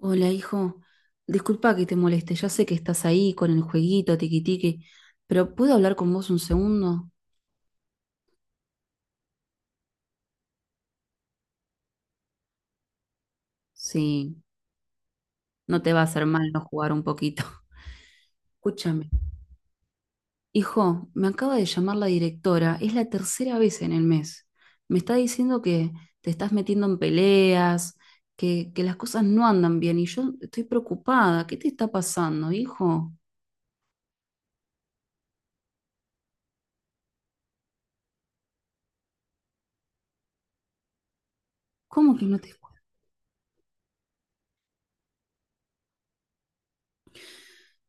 Hola, hijo. Disculpa que te moleste. Ya sé que estás ahí con el jueguito, tiquitique, pero ¿puedo hablar con vos un segundo? Sí, no te va a hacer mal no jugar un poquito. Escúchame. Hijo, me acaba de llamar la directora. Es la tercera vez en el mes. Me está diciendo que te estás metiendo en peleas, que las cosas no andan bien y yo estoy preocupada. ¿Qué te está pasando, hijo? ¿Cómo que no te...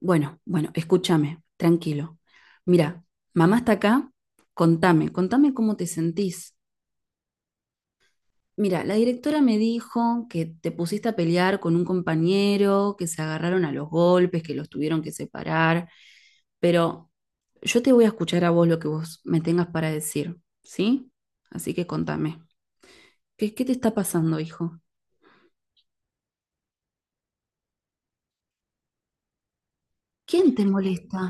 Bueno, bueno, escúchame, tranquilo. Mira, mamá está acá, contame, contame cómo te sentís. Mira, la directora me dijo que te pusiste a pelear con un compañero, que se agarraron a los golpes, que los tuvieron que separar, pero yo te voy a escuchar a vos lo que vos me tengas para decir, ¿sí? Así que contame, ¿qué te está pasando, hijo? ¿Quién te molesta?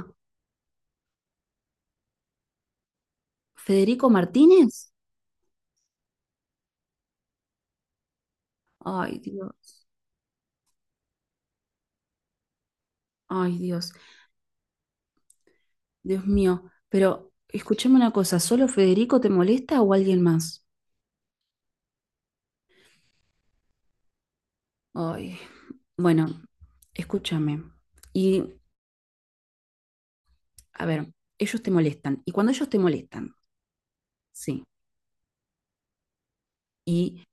¿Federico Martínez? Ay, Dios, ay, Dios. Dios mío, pero escúchame una cosa, ¿solo Federico te molesta o alguien más? Ay, bueno, escúchame. Y, a ver, ellos te molestan. Y cuando ellos te molestan, sí. Y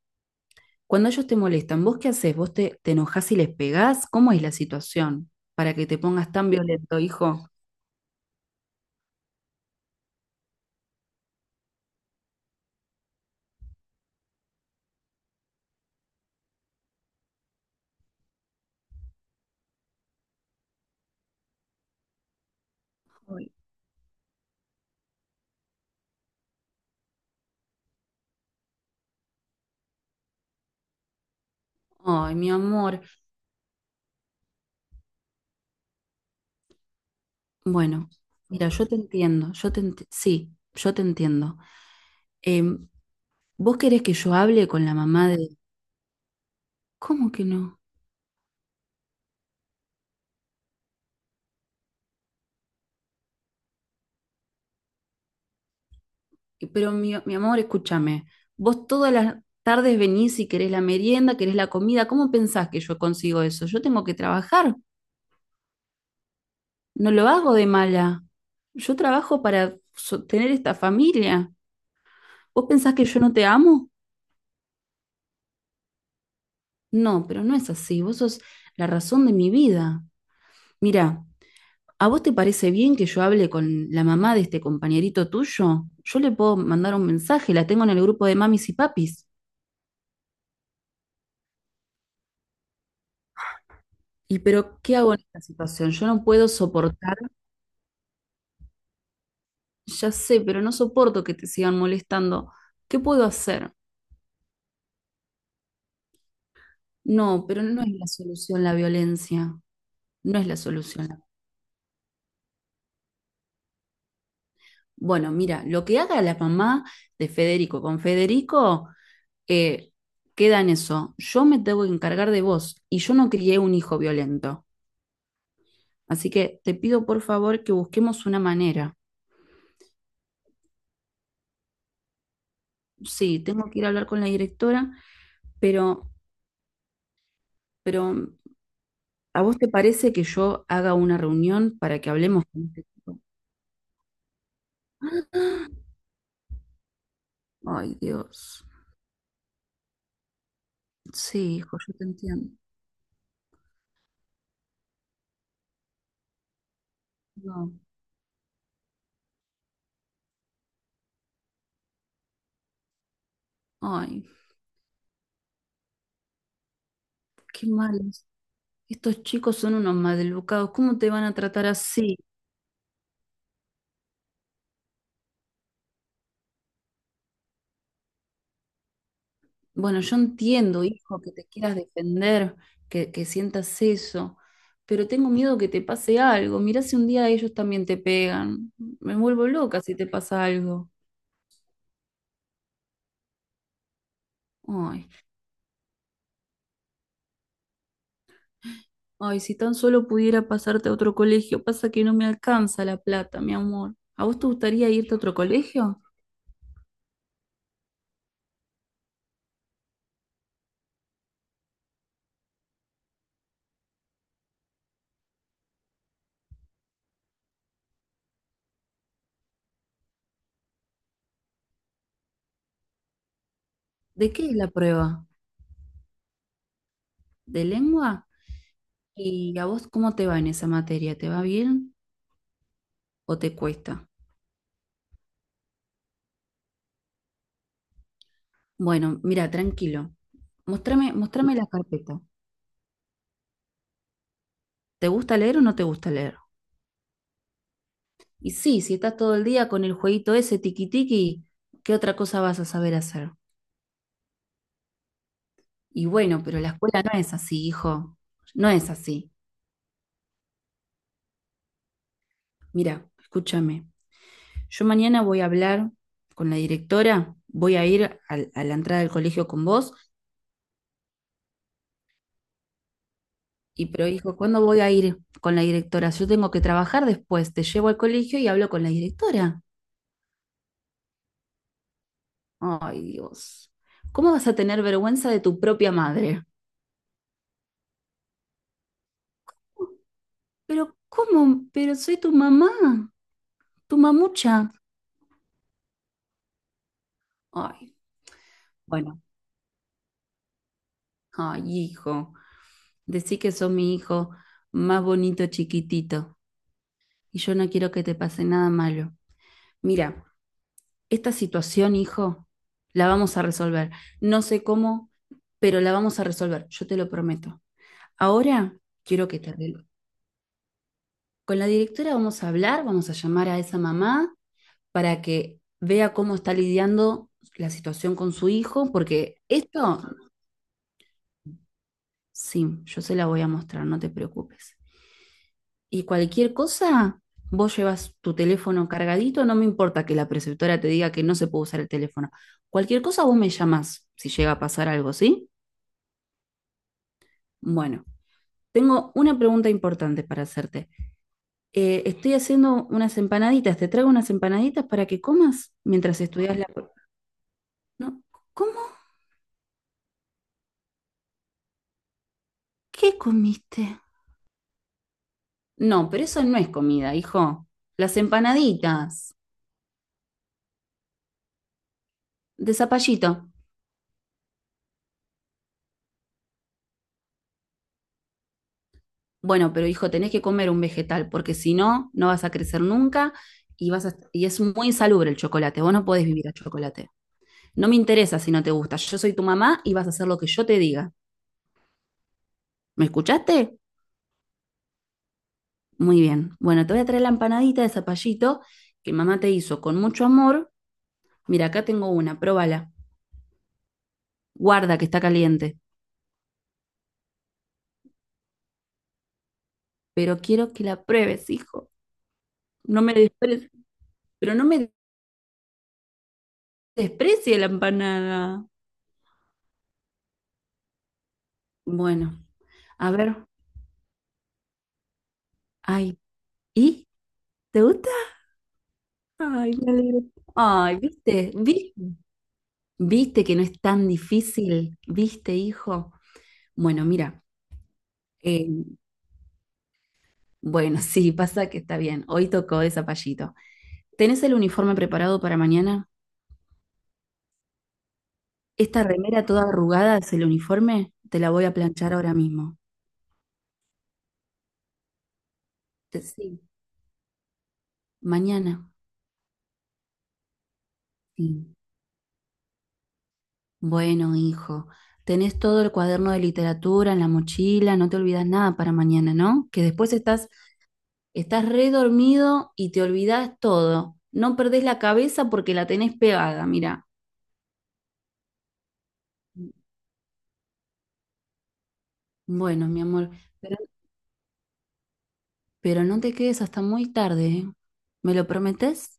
cuando ellos te molestan, ¿vos qué haces? ¿Vos te enojás y les pegás? ¿Cómo es la situación para que te pongas tan violento, hijo? Ay, ay, mi amor. Bueno, mira, yo te entiendo, sí, yo te entiendo. Em, ¿Vos querés que yo hable con la mamá de... ¿Cómo que no? Pero mi amor, escúchame, vos todas las tardes venís y querés la merienda, querés la comida, ¿cómo pensás que yo consigo eso? Yo tengo que trabajar, no lo hago de mala. Yo trabajo para sostener esta familia. ¿Vos pensás que yo no te amo? No, pero no es así, vos sos la razón de mi vida. Mira, ¿a vos te parece bien que yo hable con la mamá de este compañerito tuyo? Yo le puedo mandar un mensaje, la tengo en el grupo de mamis y papis. ¿Y pero qué hago en esta situación? Yo no puedo soportar. Ya sé, pero no soporto que te sigan molestando. ¿Qué puedo hacer? No, pero no es la solución la violencia. No es la solución. Bueno, mira, lo que haga la mamá de Federico con Federico, eh, queda en eso. Yo me tengo que encargar de vos y yo no crié un hijo violento. Así que te pido por favor que busquemos una manera. Sí, tengo que ir a hablar con la directora, pero, pero ¿a vos te parece que yo haga una reunión para que hablemos con este tipo? Ay, Dios. Sí, hijo, yo te entiendo. No. Ay, qué malos. Estos chicos son unos maleducados. ¿Cómo te van a tratar así? Bueno, yo entiendo, hijo, que te quieras defender, que sientas eso, pero tengo miedo que te pase algo. Mirá si un día ellos también te pegan. Me vuelvo loca si te pasa algo. Ay, ay, si tan solo pudiera pasarte a otro colegio, pasa que no me alcanza la plata, mi amor. ¿A vos te gustaría irte a otro colegio? ¿De qué es la prueba? ¿De lengua? ¿Y a vos cómo te va en esa materia? ¿Te va bien o te cuesta? Bueno, mira, tranquilo. Mostrame, mostrame la carpeta. ¿Te gusta leer o no te gusta leer? Y sí, si estás todo el día con el jueguito ese tiki tiki, ¿qué otra cosa vas a saber hacer? Y bueno, pero la escuela no es así, hijo. No es así. Mira, escúchame. Yo mañana voy a hablar con la directora, voy a ir a la entrada del colegio con vos. Y pero dijo, ¿cuándo voy a ir con la directora? Yo tengo que trabajar después, te llevo al colegio y hablo con la directora. Ay, Dios. ¿Cómo vas a tener vergüenza de tu propia madre? Pero ¿cómo? Pero soy tu mamá, tu mamucha. Ay, bueno, ay, hijo, decí que sos mi hijo más bonito chiquitito y yo no quiero que te pase nada malo. Mira, esta situación, hijo, la vamos a resolver. No sé cómo, pero la vamos a resolver, yo te lo prometo. Ahora quiero que te arregles. Con la directora vamos a hablar, vamos a llamar a esa mamá para que vea cómo está lidiando la situación con su hijo, porque esto, sí, yo se la voy a mostrar, no te preocupes. Y cualquier cosa, vos llevas tu teléfono cargadito, no me importa que la preceptora te diga que no se puede usar el teléfono. Cualquier cosa vos me llamás si llega a pasar algo, ¿sí? Bueno, tengo una pregunta importante para hacerte. Estoy haciendo unas empanaditas, te traigo unas empanaditas para que comas mientras estudias No, ¿cómo? ¿Qué comiste? No, pero eso no es comida, hijo. Las empanaditas de zapallito. Bueno, pero hijo, tenés que comer un vegetal, porque si no, no vas a crecer nunca y y es muy insalubre el chocolate. Vos no podés vivir a chocolate. No me interesa si no te gusta. Yo soy tu mamá y vas a hacer lo que yo te diga. ¿Me escuchaste? Muy bien. Bueno, te voy a traer la empanadita de zapallito que mamá te hizo con mucho amor. Mira, acá tengo una, pruébala. Guarda que está caliente. Pero quiero que la pruebes, hijo. No me desprecies. Pero no me desprecie la empanada. Bueno, a ver. Ay, ¿y? ¿Te gusta? Ay, me alegro. Ay, ¿viste? ¿Viste? ¿Viste que no es tan difícil? ¿Viste, hijo? Bueno, mira, eh, bueno, sí, pasa que está bien. Hoy tocó de zapallito. ¿Tenés el uniforme preparado para mañana? Esta remera toda arrugada es el uniforme. Te la voy a planchar ahora mismo. Sí, mañana. Sí. Bueno, hijo, tenés todo el cuaderno de literatura en la mochila, no te olvidas nada para mañana, ¿no? Que después estás re dormido y te olvidás todo. No perdés la cabeza porque la tenés pegada, mira. Bueno, mi amor. Pero no te quedes hasta muy tarde, ¿eh? ¿Me lo prometes?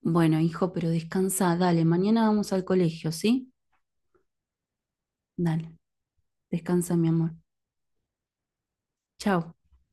Bueno, hijo, pero descansa, dale, mañana vamos al colegio, ¿sí? Dale, descansa, mi amor. Chao.